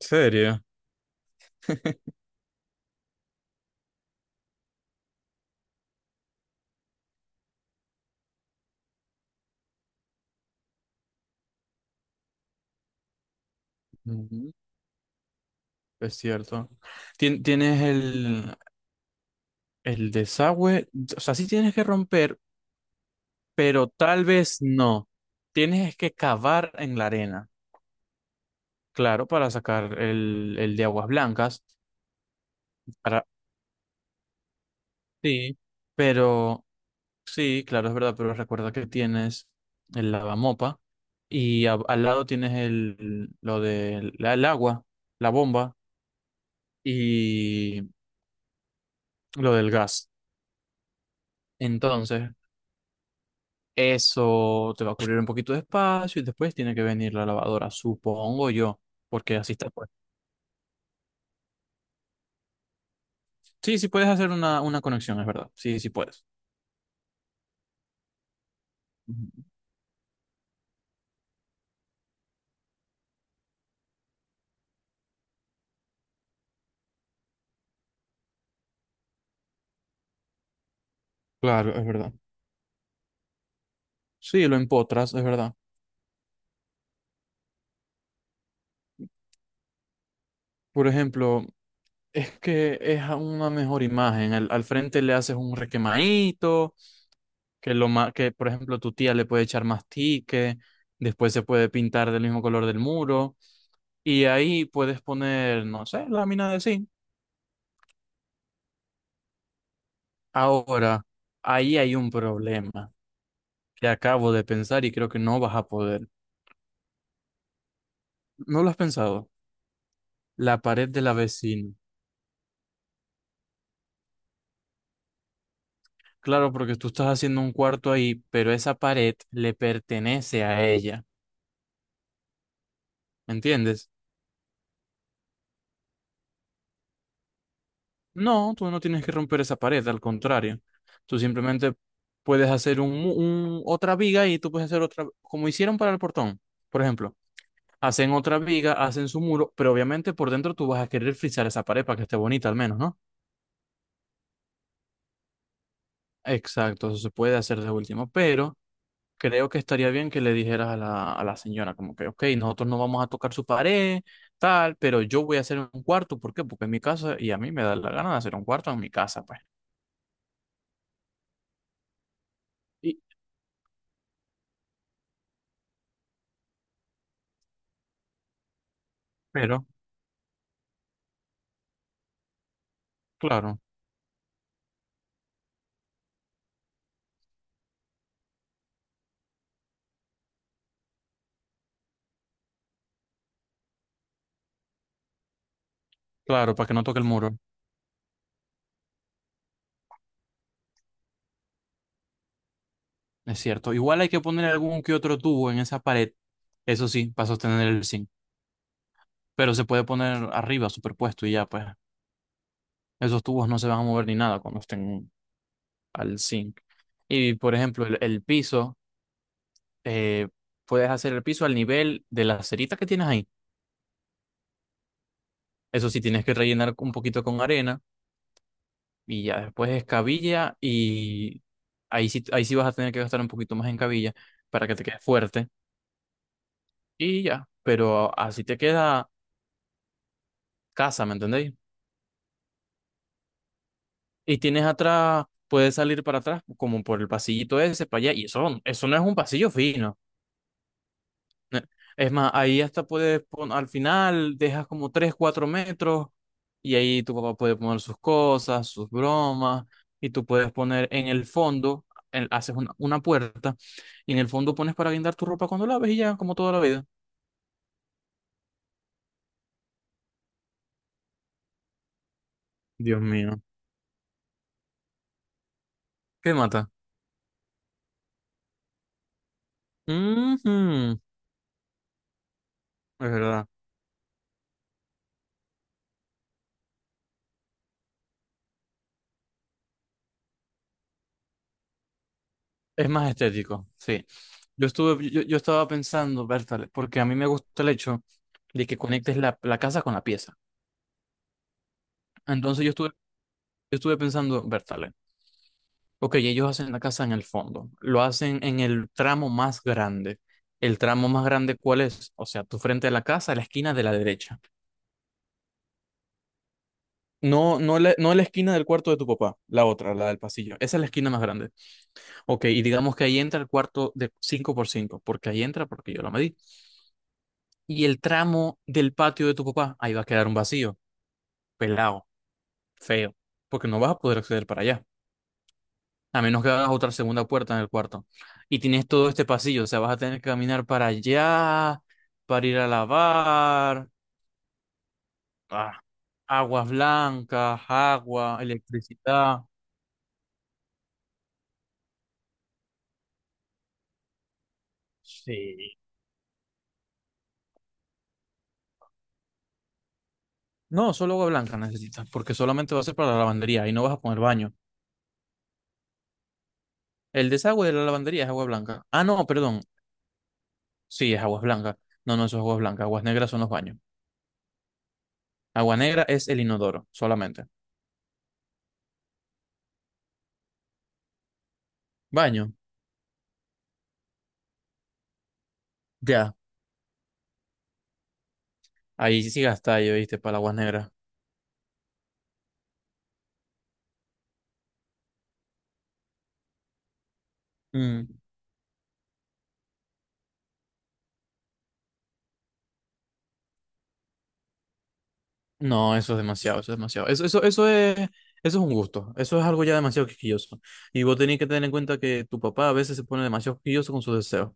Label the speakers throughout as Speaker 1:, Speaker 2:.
Speaker 1: ¿Serio? Ujú. Es cierto. Tienes el desagüe, o sea, sí tienes que romper, pero tal vez no. Tienes que cavar en la arena, claro, para sacar el de aguas blancas. Para... Sí, pero sí, claro, es verdad, pero recuerda que tienes el lavamopa y al lado tienes el, lo del el agua, la bomba y lo del gas. Entonces, eso te va a cubrir un poquito de espacio y después tiene que venir la lavadora, supongo yo, porque así está pues. Sí, sí puedes hacer una conexión, es verdad. Sí, sí puedes. Ujú. Claro, es verdad. Sí, lo empotras, es verdad. Por ejemplo, es que es a una mejor imagen. Al, al frente le haces un requemadito, que que por ejemplo tu tía le puede echar más tique, después se puede pintar del mismo color del muro y ahí puedes poner, no sé, lámina de zinc. Ahora, ahí hay un problema que acabo de pensar y creo que no vas a poder. ¿No lo has pensado? La pared de la vecina. Claro, porque tú estás haciendo un cuarto ahí, pero esa pared le pertenece a ella. ¿Me entiendes? No, tú no tienes que romper esa pared, al contrario. Tú simplemente puedes hacer otra viga y tú puedes hacer otra, como hicieron para el portón. Por ejemplo, hacen otra viga, hacen su muro, pero obviamente por dentro tú vas a querer frisar esa pared para que esté bonita al menos, ¿no? Exacto, eso se puede hacer de último, pero creo que estaría bien que le dijeras a la señora, como que, ok, nosotros no vamos a tocar su pared, tal, pero yo voy a hacer un cuarto, ¿por qué? Porque es mi casa y a mí me da la gana de hacer un cuarto en mi casa, pues. Y, pero, claro, claro, para que no toque el muro, es cierto. Igual hay que poner algún que otro tubo en esa pared, eso sí, para sostener el zinc, pero se puede poner arriba, superpuesto y ya, pues, esos tubos no se van a mover ni nada cuando estén al zinc. Y, por ejemplo, el piso. eh, Puedes hacer el piso al nivel de las ceritas que tienes ahí. Eso sí, tienes que rellenar un poquito con arena y ya después escabilla y ahí sí vas a tener que gastar un poquito más en cabilla para que te quede fuerte y ya, pero así te queda casa, ¿me entendéis? Y tienes atrás, puedes salir para atrás como por el pasillito ese, para allá y eso no es un pasillo fino. Ne- Es más, ahí hasta puedes poner, al final dejas como 3 4 metros y ahí tu papá puede poner sus cosas, sus bromas y tú puedes poner en el fondo, haces una puerta y en el fondo pones para guindar tu ropa cuando laves y ya, como toda la vida. Dios mío. ¿Qué mata? Ujú, es verdad. Es más estético, sí. Yo estuve, yo estaba pensando, Bertale, porque a mí me gusta el hecho de que conectes la, la casa con la pieza. Entonces yo estuve pensando, Bertale. Ok, ellos hacen la casa en el fondo, lo hacen en el tramo más grande. ¿El tramo más grande cuál es? O sea, tu frente a la casa, la esquina de la derecha. No, no la, no la esquina del cuarto de tu papá, la otra, la del pasillo. Esa es la esquina más grande. Ok, y digamos que ahí entra el cuarto de 5 por 5, porque ahí entra, porque yo lo medí. Y el tramo del patio de tu papá, ahí va a quedar un vacío, pelado, feo, porque no vas a poder acceder para allá. A menos que hagas otra segunda puerta en el cuarto. Y tienes todo este pasillo, o sea, vas a tener que caminar para allá, para ir a lavar, ah, aguas blancas, agua, electricidad. Sí. No, solo agua blanca necesitas, porque solamente va a ser para la lavandería y no vas a poner baño. El desagüe de la lavandería es agua blanca. Ah, no, perdón. Sí, es agua blanca. No, no, eso es agua blanca. Aguas negras son los baños. Agua negra es el inodoro, solamente. Baño, ya. Ahí sí gastáis, ¿viste? Para aguas negras. Mm. No, eso es demasiado, eso es demasiado. Eso, eso es un gusto. Eso es algo ya demasiado quisquilloso. Y vos tenés que tener en cuenta que tu papá a veces se pone demasiado quisquilloso con sus deseos.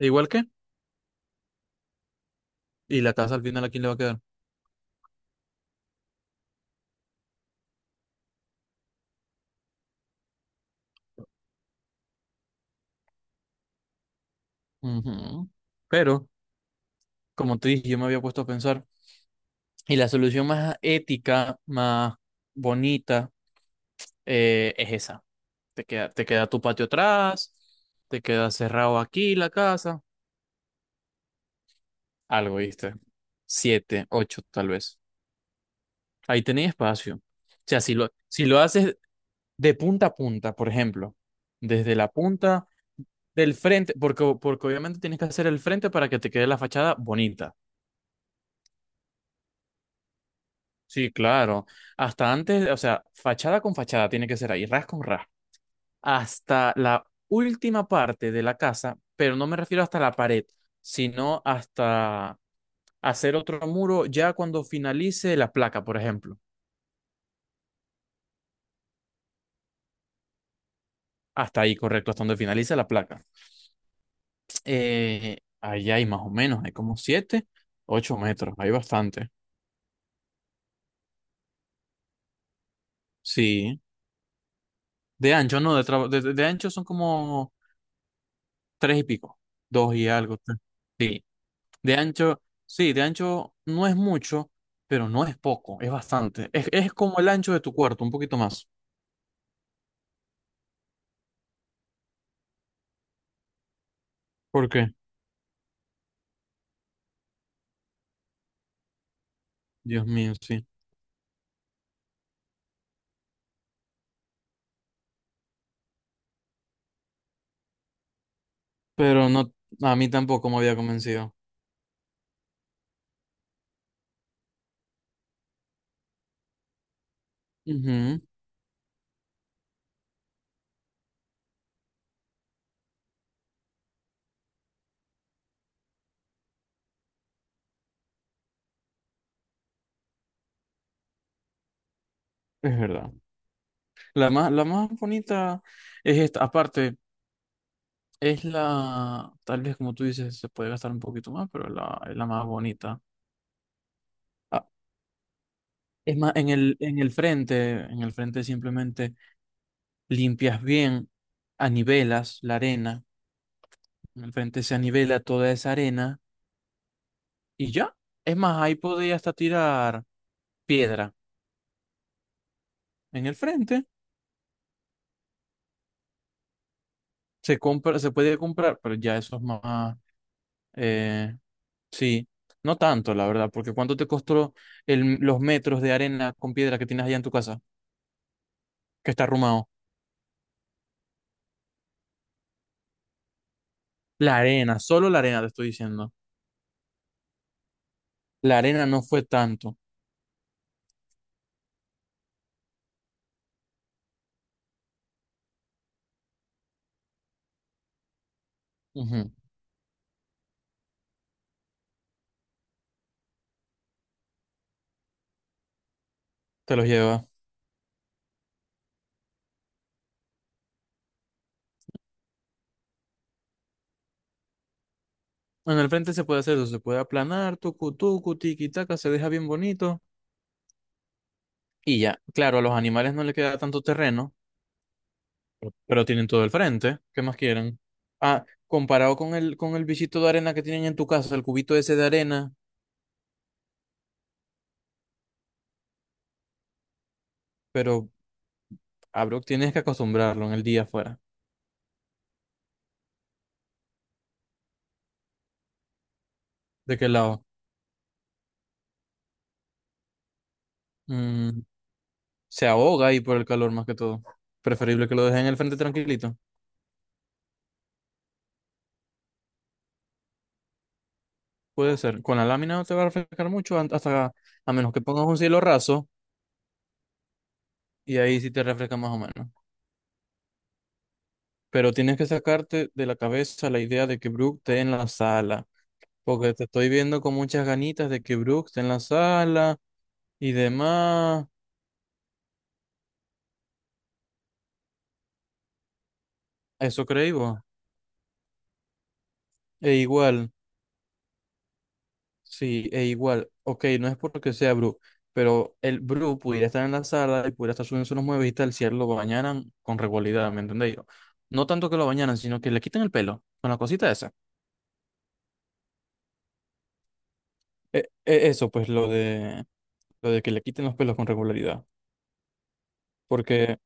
Speaker 1: Igual que, y la casa al final a quién le va a quedar. Ujú. Pero, como te dije, yo me había puesto a pensar, y la solución más ética, más bonita, es esa. Te queda tu patio atrás, te queda cerrado aquí la casa. Algo, ¿viste? Siete, ocho, tal vez. Ahí tenéis espacio. O sea, si lo, si lo haces de punta a punta, por ejemplo, desde la punta del frente, porque, porque obviamente tienes que hacer el frente para que te quede la fachada bonita. Sí, claro. Hasta antes, o sea, fachada con fachada tiene que ser ahí, ras con ras. Hasta la última parte de la casa, pero no me refiero hasta la pared, sino hasta hacer otro muro ya cuando finalice la placa, por ejemplo. Hasta ahí, correcto, hasta donde finalice la placa. Ahí hay más o menos, hay como 7 8 metros, hay bastante. Sí, de ancho, no, de, tra- de ancho son como 3 y pico, 2 y algo. Tres. Sí, de ancho, sí, de ancho no es mucho, pero no es poco, es bastante. Es como el ancho de tu cuarto, un poquito más. ¿Por qué? Dios mío, sí. Pero no, a mí tampoco me había convencido. Ujú, es verdad. La más bonita es esta. Aparte, es la, tal vez como tú dices, se puede gastar un poquito más, pero la, es la más bonita. Ah, es más, en el frente simplemente limpias bien, anivelas la arena, en el frente se anivela toda esa arena y ya. Es más, ahí podía hasta tirar piedra. En el frente se compra, se puede comprar, pero ya eso es más, eh, sí, no tanto, la verdad, porque ¿cuánto te costó el, los metros de arena con piedra que tienes allá en tu casa, que está arrumado? La arena, solo la arena te estoy diciendo. La arena no fue tanto. Ujú, te los lleva. En el frente se puede hacer eso, se puede aplanar, tucu, tucu, tiqui, taca, se deja bien bonito. Y ya, claro, a los animales no les queda tanto terreno, pero tienen todo el frente. ¿Qué más quieren? Ah, comparado con el bichito de arena que tienen en tu casa, el cubito ese de arena, pero, abro, tienes que acostumbrarlo en el día afuera. ¿De qué lado? Mm, se ahoga ahí por el calor más que todo. Preferible que lo dejen en el frente tranquilito. Puede ser. Con la lámina no te va a refrescar mucho hasta a menos que pongas un cielo raso y ahí sí te refresca más o menos. Pero tienes que sacarte de la cabeza la idea de que Brook esté en la sala, porque te estoy viendo con muchas ganitas de que Brook esté en la sala y demás. Eso creí vos. E igual, sí, e igual. Ok, no es porque sea Brook, pero el Brook pudiera estar en la sala y pudiera estar subiendo unos muebles y tal si a él lo bañaran con regularidad, ¿me entendéis? No tanto que lo bañaran, sino que le quiten el pelo con la cosita esa. Eso, pues lo de que le quiten los pelos con regularidad. Porque,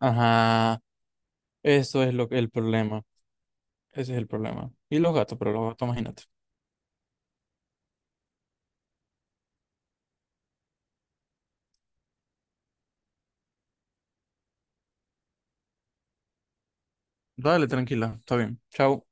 Speaker 1: ajá, eso es lo que el problema. Ese es el problema. Y los gatos, pero los gatos, imagínate. Dale, tranquila, está bien. Chao.